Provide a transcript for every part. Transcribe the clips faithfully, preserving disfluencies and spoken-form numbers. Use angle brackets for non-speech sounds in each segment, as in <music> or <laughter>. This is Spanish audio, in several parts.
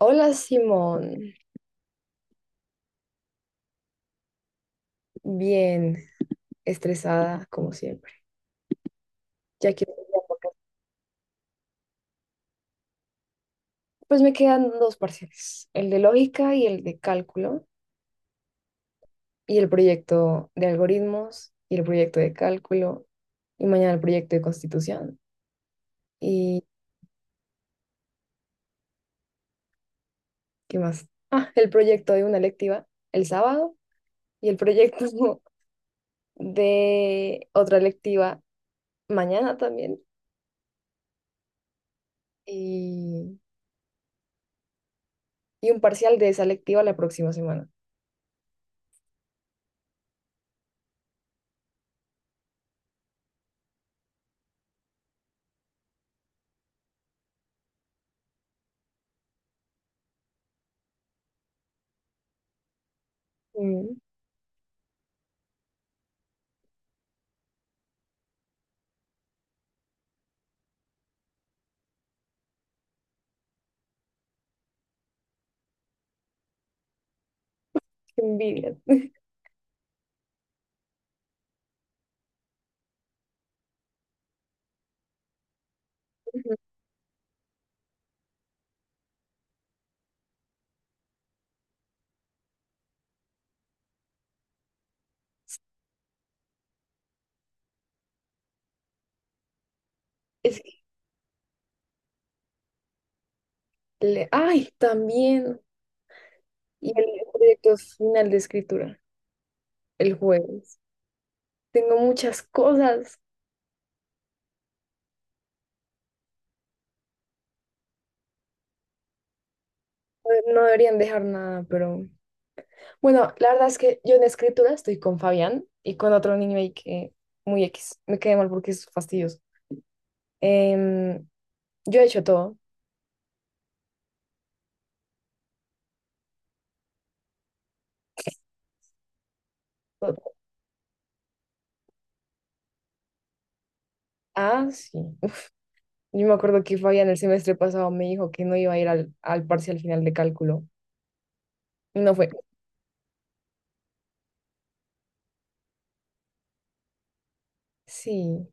Hola Simón, bien estresada como siempre. Ya que pues me quedan dos parciales, el de lógica y el de cálculo, y el proyecto de algoritmos y el proyecto de cálculo, y mañana el proyecto de constitución. ¿Y qué más? Ah, el proyecto de una electiva el sábado y el proyecto <laughs> de otra electiva mañana también, y, y un parcial de esa electiva la próxima semana. Mm, qué envidia. <laughs> Es Le- Ay, también. Y el proyecto final de escritura, el jueves. Tengo muchas cosas. No no deberían dejar nada, pero... Bueno, la verdad es que yo en escritura estoy con Fabián y con otro niño ahí que muy X. Me quedé mal porque es fastidioso. Em, yo he hecho todo. todo. Ah, sí. Yo me acuerdo que Fabián el semestre pasado me dijo que no iba a ir al, al parcial final de cálculo. Y no fue. Sí.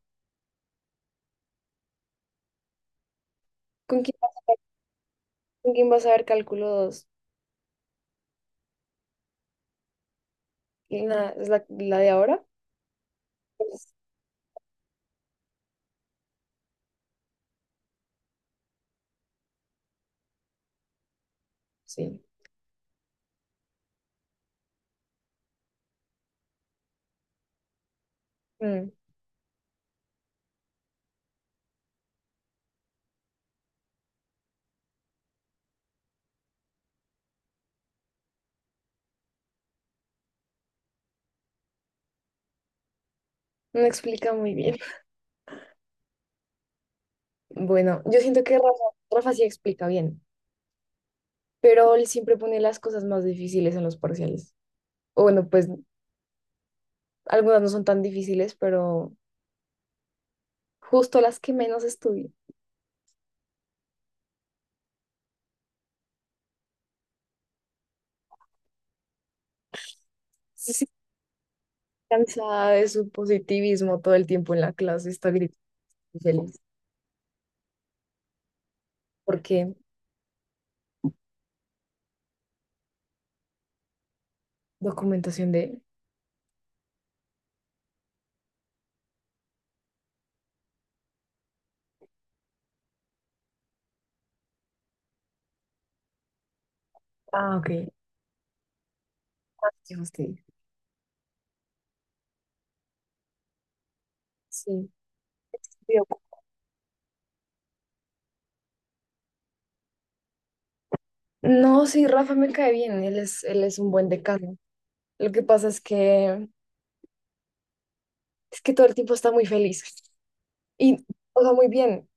¿Con quién, con quién vas a ver cálculo dos? ¿Lina es la, la de ahora? Sí. Mm, no explica muy bien. Bueno, yo siento que Rafa, Rafa sí explica bien, pero él siempre pone las cosas más difíciles en los parciales. O bueno, pues algunas no son tan difíciles, pero justo las que menos estudio. Sí, sí, cansada de su positivismo todo el tiempo en la clase, está gritando feliz. ¿Por qué? Documentación de... Ah, ok. Ah, qué fastidio. Sí. Bien. No, sí, Rafa me cae bien, él es, él es un buen decano. Lo que pasa es que es que todo el tiempo está muy feliz y todo muy bien.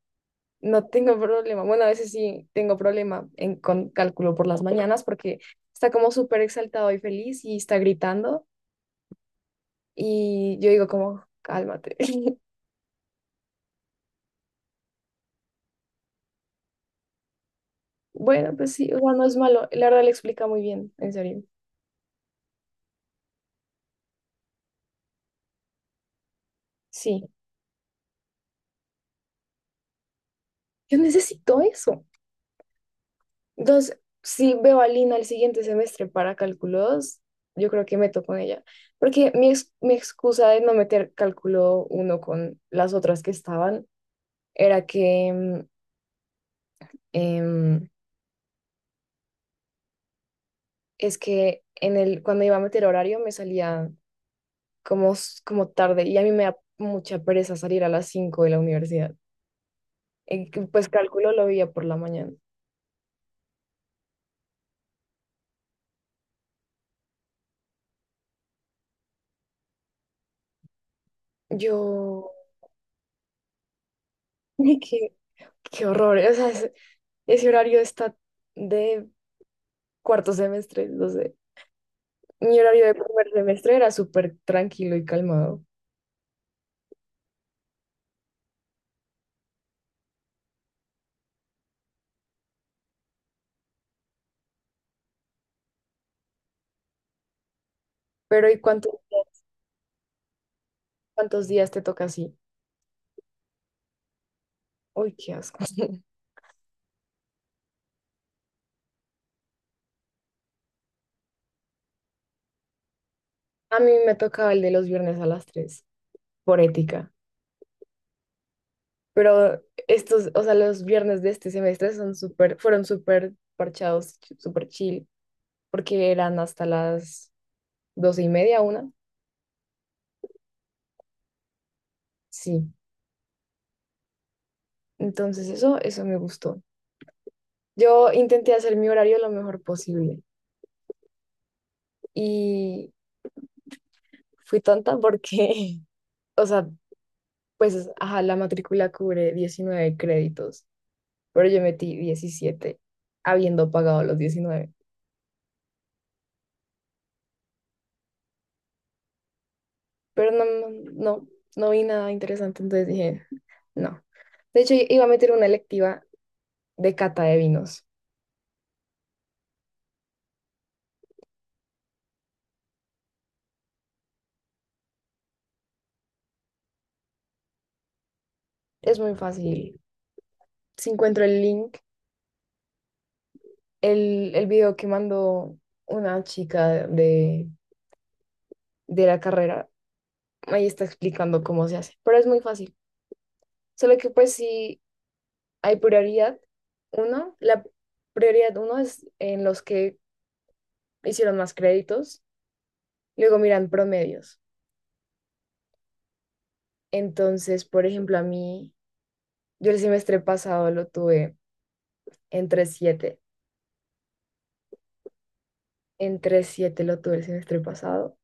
No tengo problema. Bueno, a veces sí tengo problema en, con cálculo por las mañanas porque está como súper exaltado y feliz y está gritando y yo digo como, cálmate. <laughs> Bueno, pues sí, o sea, no es malo. La verdad le explica muy bien, en serio. Sí, yo necesito eso. Entonces, si veo a Lina el siguiente semestre para cálculo dos, yo creo que meto con ella. Porque mi, ex- mi excusa de no meter cálculo uno con las otras que estaban era que mm, em, es que en el, cuando iba a meter horario me salía como, s- como tarde y a mí me da mucha pereza salir a las cinco de la universidad. En que, Pues cálculo lo veía por la mañana. Yo, <laughs> qué, qué horror. O sea, ese ese horario está de cuarto semestre, no sé. Mi horario de primer semestre era súper tranquilo y calmado. Pero ¿y cuántos cuántos días te toca así? Uy, qué asco. <laughs> A mí me tocaba el de los viernes a las tres por ética. Pero estos, o sea, los viernes de este semestre son súper, fueron súper parchados, ch- súper chill, porque eran hasta las doce y media, una. Sí. Entonces eso, eso me gustó. Yo intenté hacer mi horario lo mejor posible y fui tonta porque, <laughs> o sea, pues, ajá, la matrícula cubre diecinueve créditos, pero yo metí diecisiete habiendo pagado los diecinueve. Pero no, no, no vi nada interesante, entonces dije, no. De hecho, iba a meter una electiva de cata de vinos. Es muy fácil. Si encuentro el link, el, el video que mandó una chica de, de la carrera, ahí está explicando cómo se hace. Pero es muy fácil. Solo que pues sí, Hay prioridad uno, la prioridad uno es en los que hicieron más créditos, luego miran promedios. Entonces, por ejemplo, a mí, yo el semestre pasado lo tuve en tres punto siete, en tres punto siete lo tuve el semestre pasado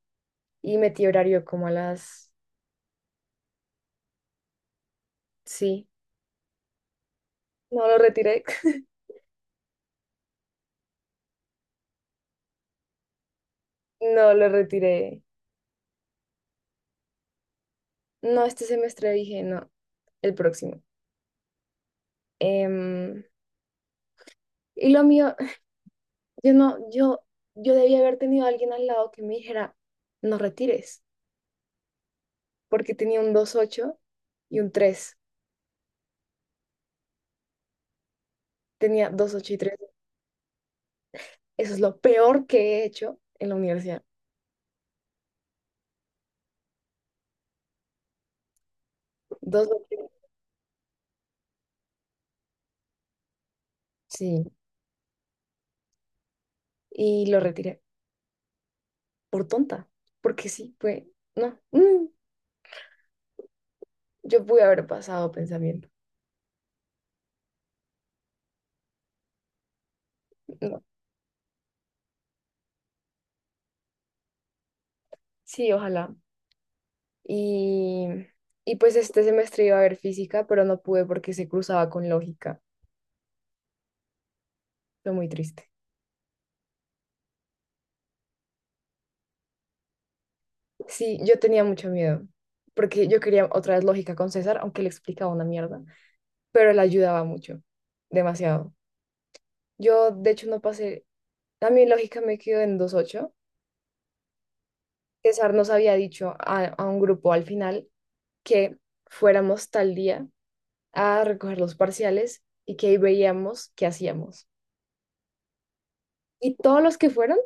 y metí horario como a las, sí, no lo retiré, <laughs> no lo retiré, no, este semestre dije, no, el próximo. Em, y lo mío Yo no, yo, yo debía haber tenido a alguien al lado que me dijera, no retires, porque tenía un dos ocho y un tres. Tenía dos ocho y tres. Eso es lo peor que he hecho en la universidad. Dos ocho. Sí, y lo retiré por tonta, porque sí, fue, no, mm, yo pude haber pasado pensamiento. No, sí, ojalá. Y, y pues este semestre iba a haber física, pero no pude porque se cruzaba con lógica. Fue muy triste. Sí, yo tenía mucho miedo, porque yo quería otra vez lógica con César, aunque le explicaba una mierda, pero él ayudaba mucho, demasiado. Yo, de hecho, no pasé, a mi lógica me quedó en dos ocho. César nos había dicho a, a un grupo al final que fuéramos tal día a recoger los parciales y que ahí veíamos qué hacíamos. Y todos los que fueron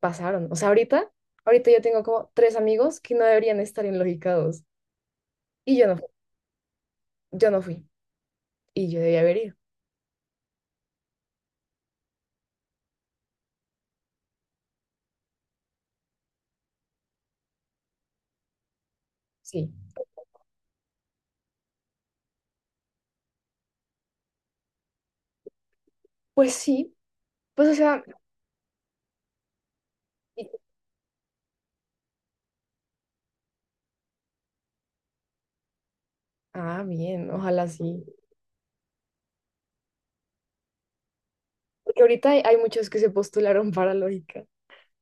pasaron. O sea, ahorita, ahorita yo tengo como tres amigos que no deberían estar en lógica dos y yo no, fu- yo no fui y yo debía haber ido. Sí, pues sí, pues o sea, y- ah, bien, ojalá sí. Porque ahorita hay, hay muchos que se postularon para lógica.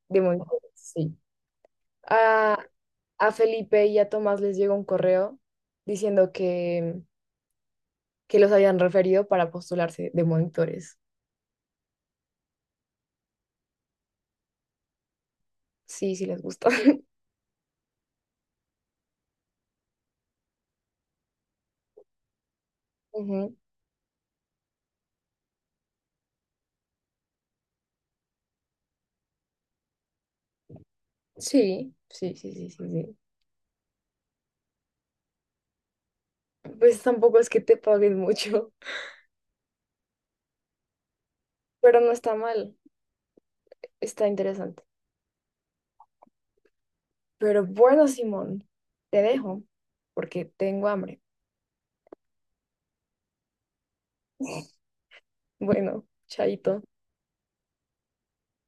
De momento, sí. A, a Felipe y a Tomás les llegó un correo diciendo que, que los habían referido para postularse de monitores. Sí, sí les gusta. <laughs> Ujú. Sí, sí, sí, sí, sí, sí. Pues tampoco es que te paguen mucho, pero no está mal, está interesante. Pero bueno, Simón, te dejo porque tengo hambre. Bueno, chaito.